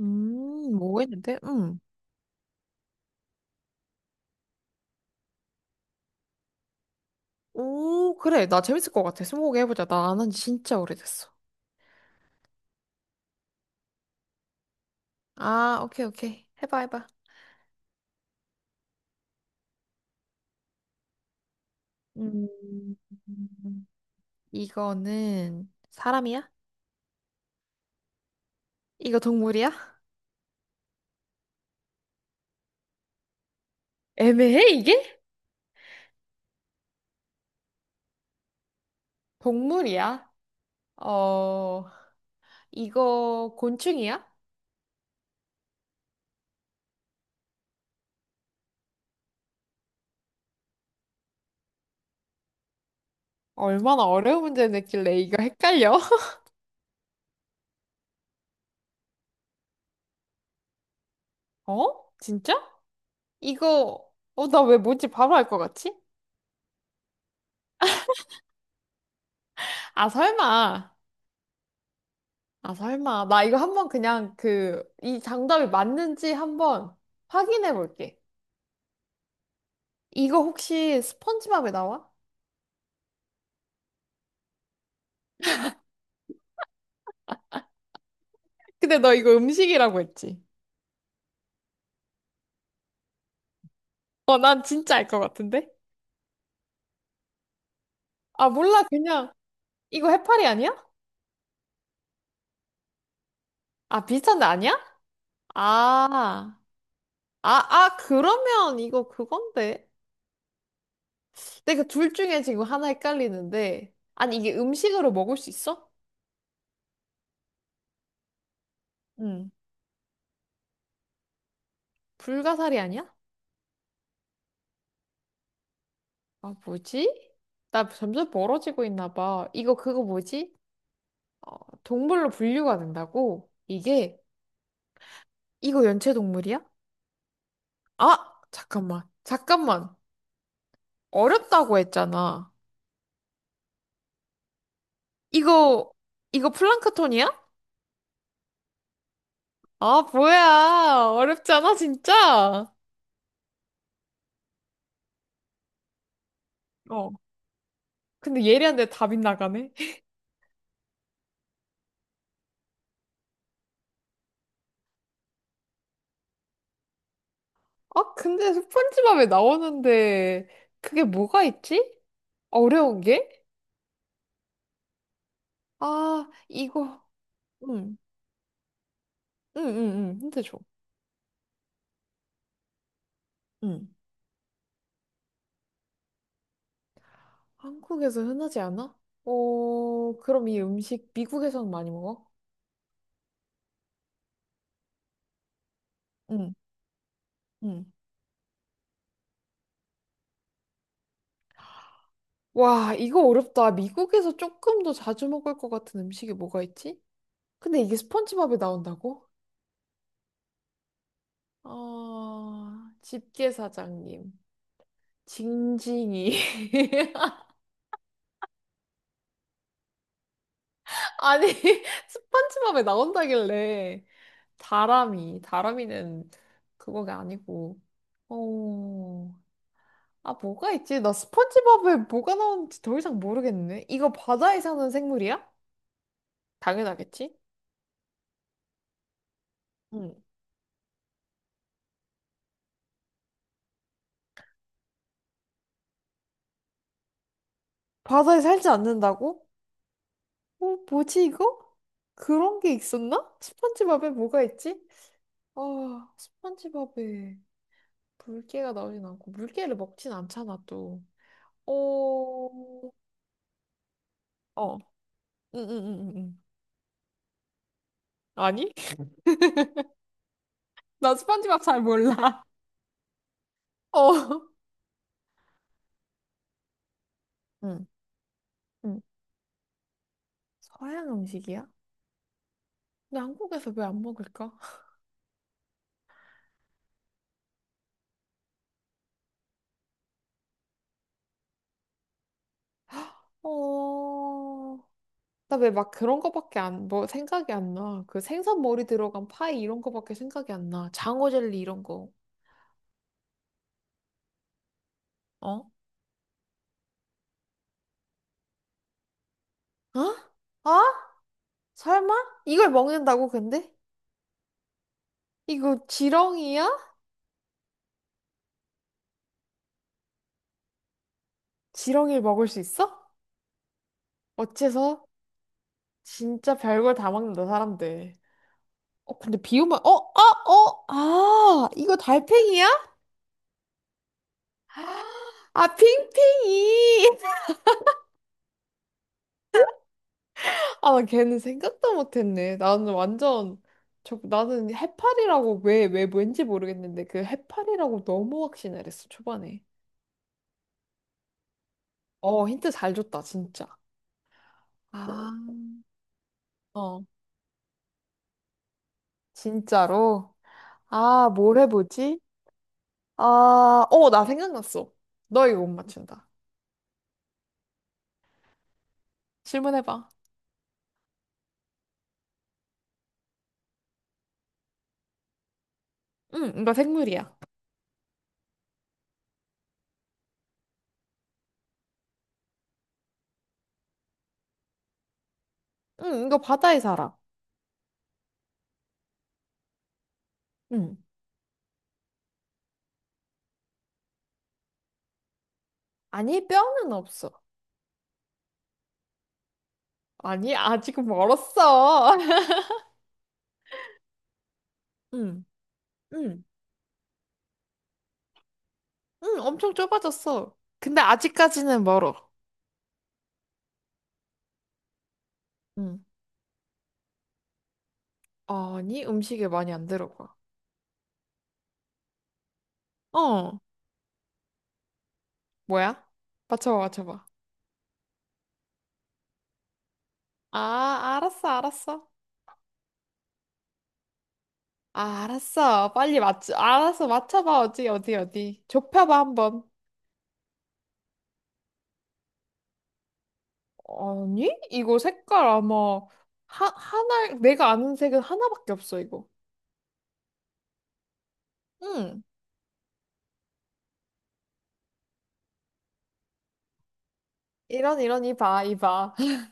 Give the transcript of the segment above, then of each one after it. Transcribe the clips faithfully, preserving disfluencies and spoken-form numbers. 음, 뭐 했는데? 응. 오, 그래. 나 재밌을 것 같아. 스무고개 해보자. 나 안 한 지 진짜 오래됐어. 아, 오케이, 오케이. 해봐, 해봐. 음, 이거는 사람이야? 이거 동물이야? 애매해, 이게? 동물이야? 어, 이거 곤충이야? 얼마나 어려운 문제 냈길래 이거 헷갈려? 어? 진짜? 이거, 어, 나 왜 뭔지 바로 알 것 같지? 아, 설마. 아, 설마. 나 이거 한번 그냥 그, 이 정답이 맞는지 한번 확인해 볼게. 이거 혹시 스펀지밥에 나와? 근데 너 이거 음식이라고 했지? 어, 난 진짜 알 것 같은데? 아, 몰라. 그냥, 이거 해파리 아니야? 아, 비슷한데 아니야? 아, 아, 아, 그러면 이거 그건데. 내가 둘 중에 지금 하나 헷갈리는데. 아니, 이게 음식으로 먹을 수 있어? 응. 불가사리 아니야? 아, 뭐지? 나 점점 멀어지고 있나 봐. 이거 그거 뭐지? 어, 동물로 분류가 된다고? 이게, 이거 연체동물이야? 아! 잠깐만. 잠깐만. 어렵다고 했잖아. 이거, 이거 플랑크톤이야? 아, 뭐야. 어렵잖아, 진짜. 어. 근데 예리한데 답이 나가네. 아, 근데 스폰지밥에 나오는데 그게 뭐가 있지? 어려운 게? 아, 이거. 응, 응, 응, 응. 힌트 줘. 응. 한국에서 흔하지 않아? 어, 그럼 이 음식 미국에서는 많이 먹어? 응, 응. 와, 이거 어렵다. 미국에서 조금 더 자주 먹을 것 같은 음식이 뭐가 있지? 근데 이게 스펀지밥에 나온다고? 아, 집게 사장님. 징징이. 아니, 스펀지밥에 나온다길래. 다람이. 다람이는 그거가 아니고. 어. 아, 뭐가 있지? 나 스펀지밥에 뭐가 나오는지 더 이상 모르겠네. 이거 바다에 사는 생물이야? 당연하겠지? 응. 바다에 살지 않는다고? 어, 뭐지 이거? 그런 게 있었나? 스펀지밥에 뭐가 있지? 아, 스펀지밥에 물개가 나오진 않고 물개를 먹진 않잖아 또. 어, 어, 응응응응. 아니? 나 스펀지밥 잘 몰라. 어. 응. 응. 서양 음식이야? 근데 한국에서 왜 안 먹을까? 어, 나 왜 막 그런 거밖에 안, 뭐 생각이 안 나. 그 생선 머리 들어간 파이 이런 거밖에 생각이 안 나. 장어 젤리 이런 거. 어? 어? 어? 설마? 이걸 먹는다고 근데? 이거 지렁이야? 지렁이를 먹을 수 있어? 어째서? 진짜 별걸 다 먹는다 사람들. 어 근데 비오면 어? 아 어? 아 이거 달팽이야? 아 핑핑이 아, 나 걔는 생각도 못했네. 나는 완전, 저, 나는 해파리라고 왜, 왜 왠지 모르겠는데 그 해파리라고 너무 확신을 했어, 초반에. 어, 힌트 잘 줬다, 진짜. 아, 어, 진짜로? 아, 뭘 해보지? 아, 어, 나 생각났어. 너 이거 못 맞춘다. 질문해봐. 응, 이거 생물이야. 응, 이거 바다에 살아. 응. 아니, 뼈는 없어. 아니, 아직 멀었어. 응, 응. 응, 엄청 좁아졌어. 근데 아직까지는 멀어. 응. 아니, 음식에 많이 안 들어가. 어, 뭐야? 맞춰봐, 맞춰봐. 아, 알았어, 알았어. 아, 알았어. 빨리 맞춰. 알았어, 맞춰봐. 어디, 어디, 어디. 좁혀봐, 한번. 아니, 이거 색깔 아마 하, 하나, 내가 아는 색은 하나밖에 없어, 이거. 응. 이런, 이런, 이봐, 이봐.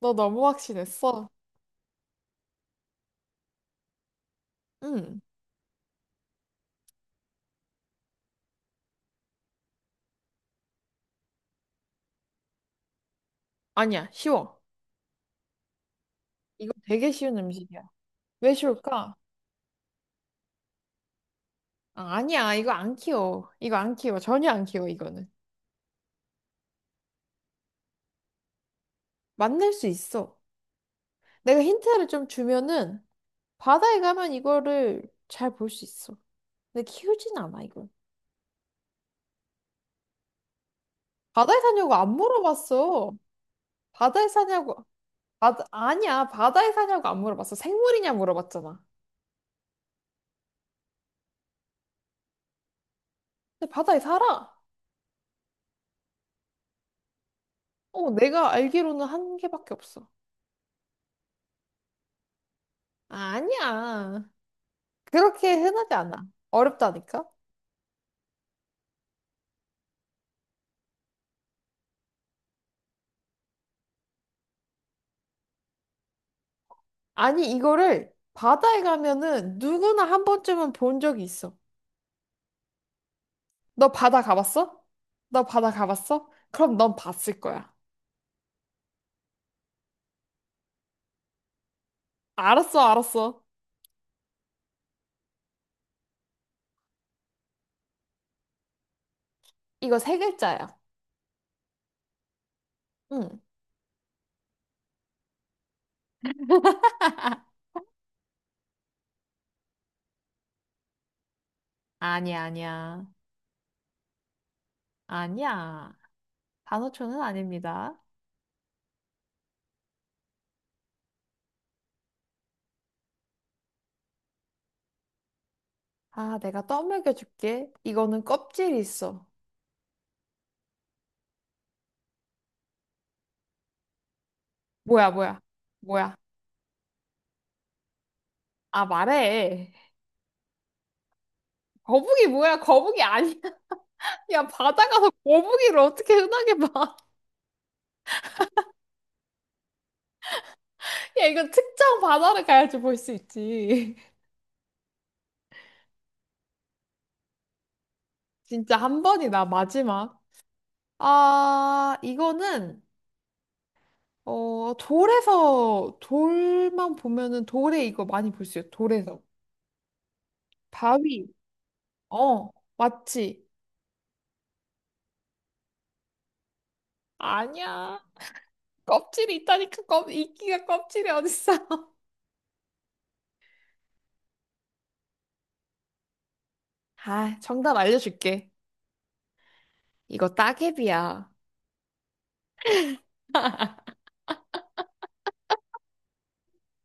너 너무 확신했어. 응. 아니야, 쉬워. 이거 되게 쉬운 음식이야. 왜 쉬울까? 아, 아니야, 이거 안 키워. 이거 안 키워. 전혀 안 키워, 이거는. 만날 수 있어. 내가 힌트를 좀 주면은 바다에 가면 이거를 잘 볼 수 있어. 근데 키우진 않아, 이걸. 바다에 사냐고 안 물어봤어. 바다에 사냐고. 바다, 아니야, 바다에 사냐고 안 물어봤어. 생물이냐 물어봤잖아. 근데 바다에 살아. 어, 내가 알기로는 한 개밖에 없어. 아, 아니야. 그렇게 흔하지 않아. 어렵다니까? 아니, 이거를 바다에 가면은 누구나 한 번쯤은 본 적이 있어. 너 바다 가봤어? 너 바다 가봤어? 그럼 넌 봤을 거야. 알았어, 알았어. 이거 세 글자야. 응. 아니야, 아니야. 아니야. 단어초는 아닙니다. 아, 내가 떠먹여 줄게. 이거는 껍질이 있어. 뭐야, 뭐야, 뭐야. 아, 말해. 거북이 뭐야? 거북이 아니야. 야, 바다 가서 거북이를 어떻게 흔하게 봐. 야, 이건 특정 바다를 가야지 볼 수 있지. 진짜 한 번이다, 마지막. 아, 이거는 어, 돌에서, 돌만 보면은 돌에 이거 많이 볼 수 있어. 돌에서. 바위. 어, 맞지? 아니야. 껍질이 있다니까, 껍, 이끼가 껍질이 어딨어. 아, 정답 알려줄게. 이거 따개비야.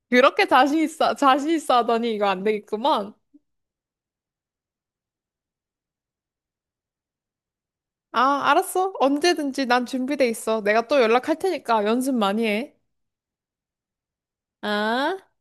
그렇게 자신 있어, 자신 있어 하더니 이거 안 되겠구만. 아, 알았어. 언제든지 난 준비돼 있어. 내가 또 연락할 테니까 연습 많이 해. 아.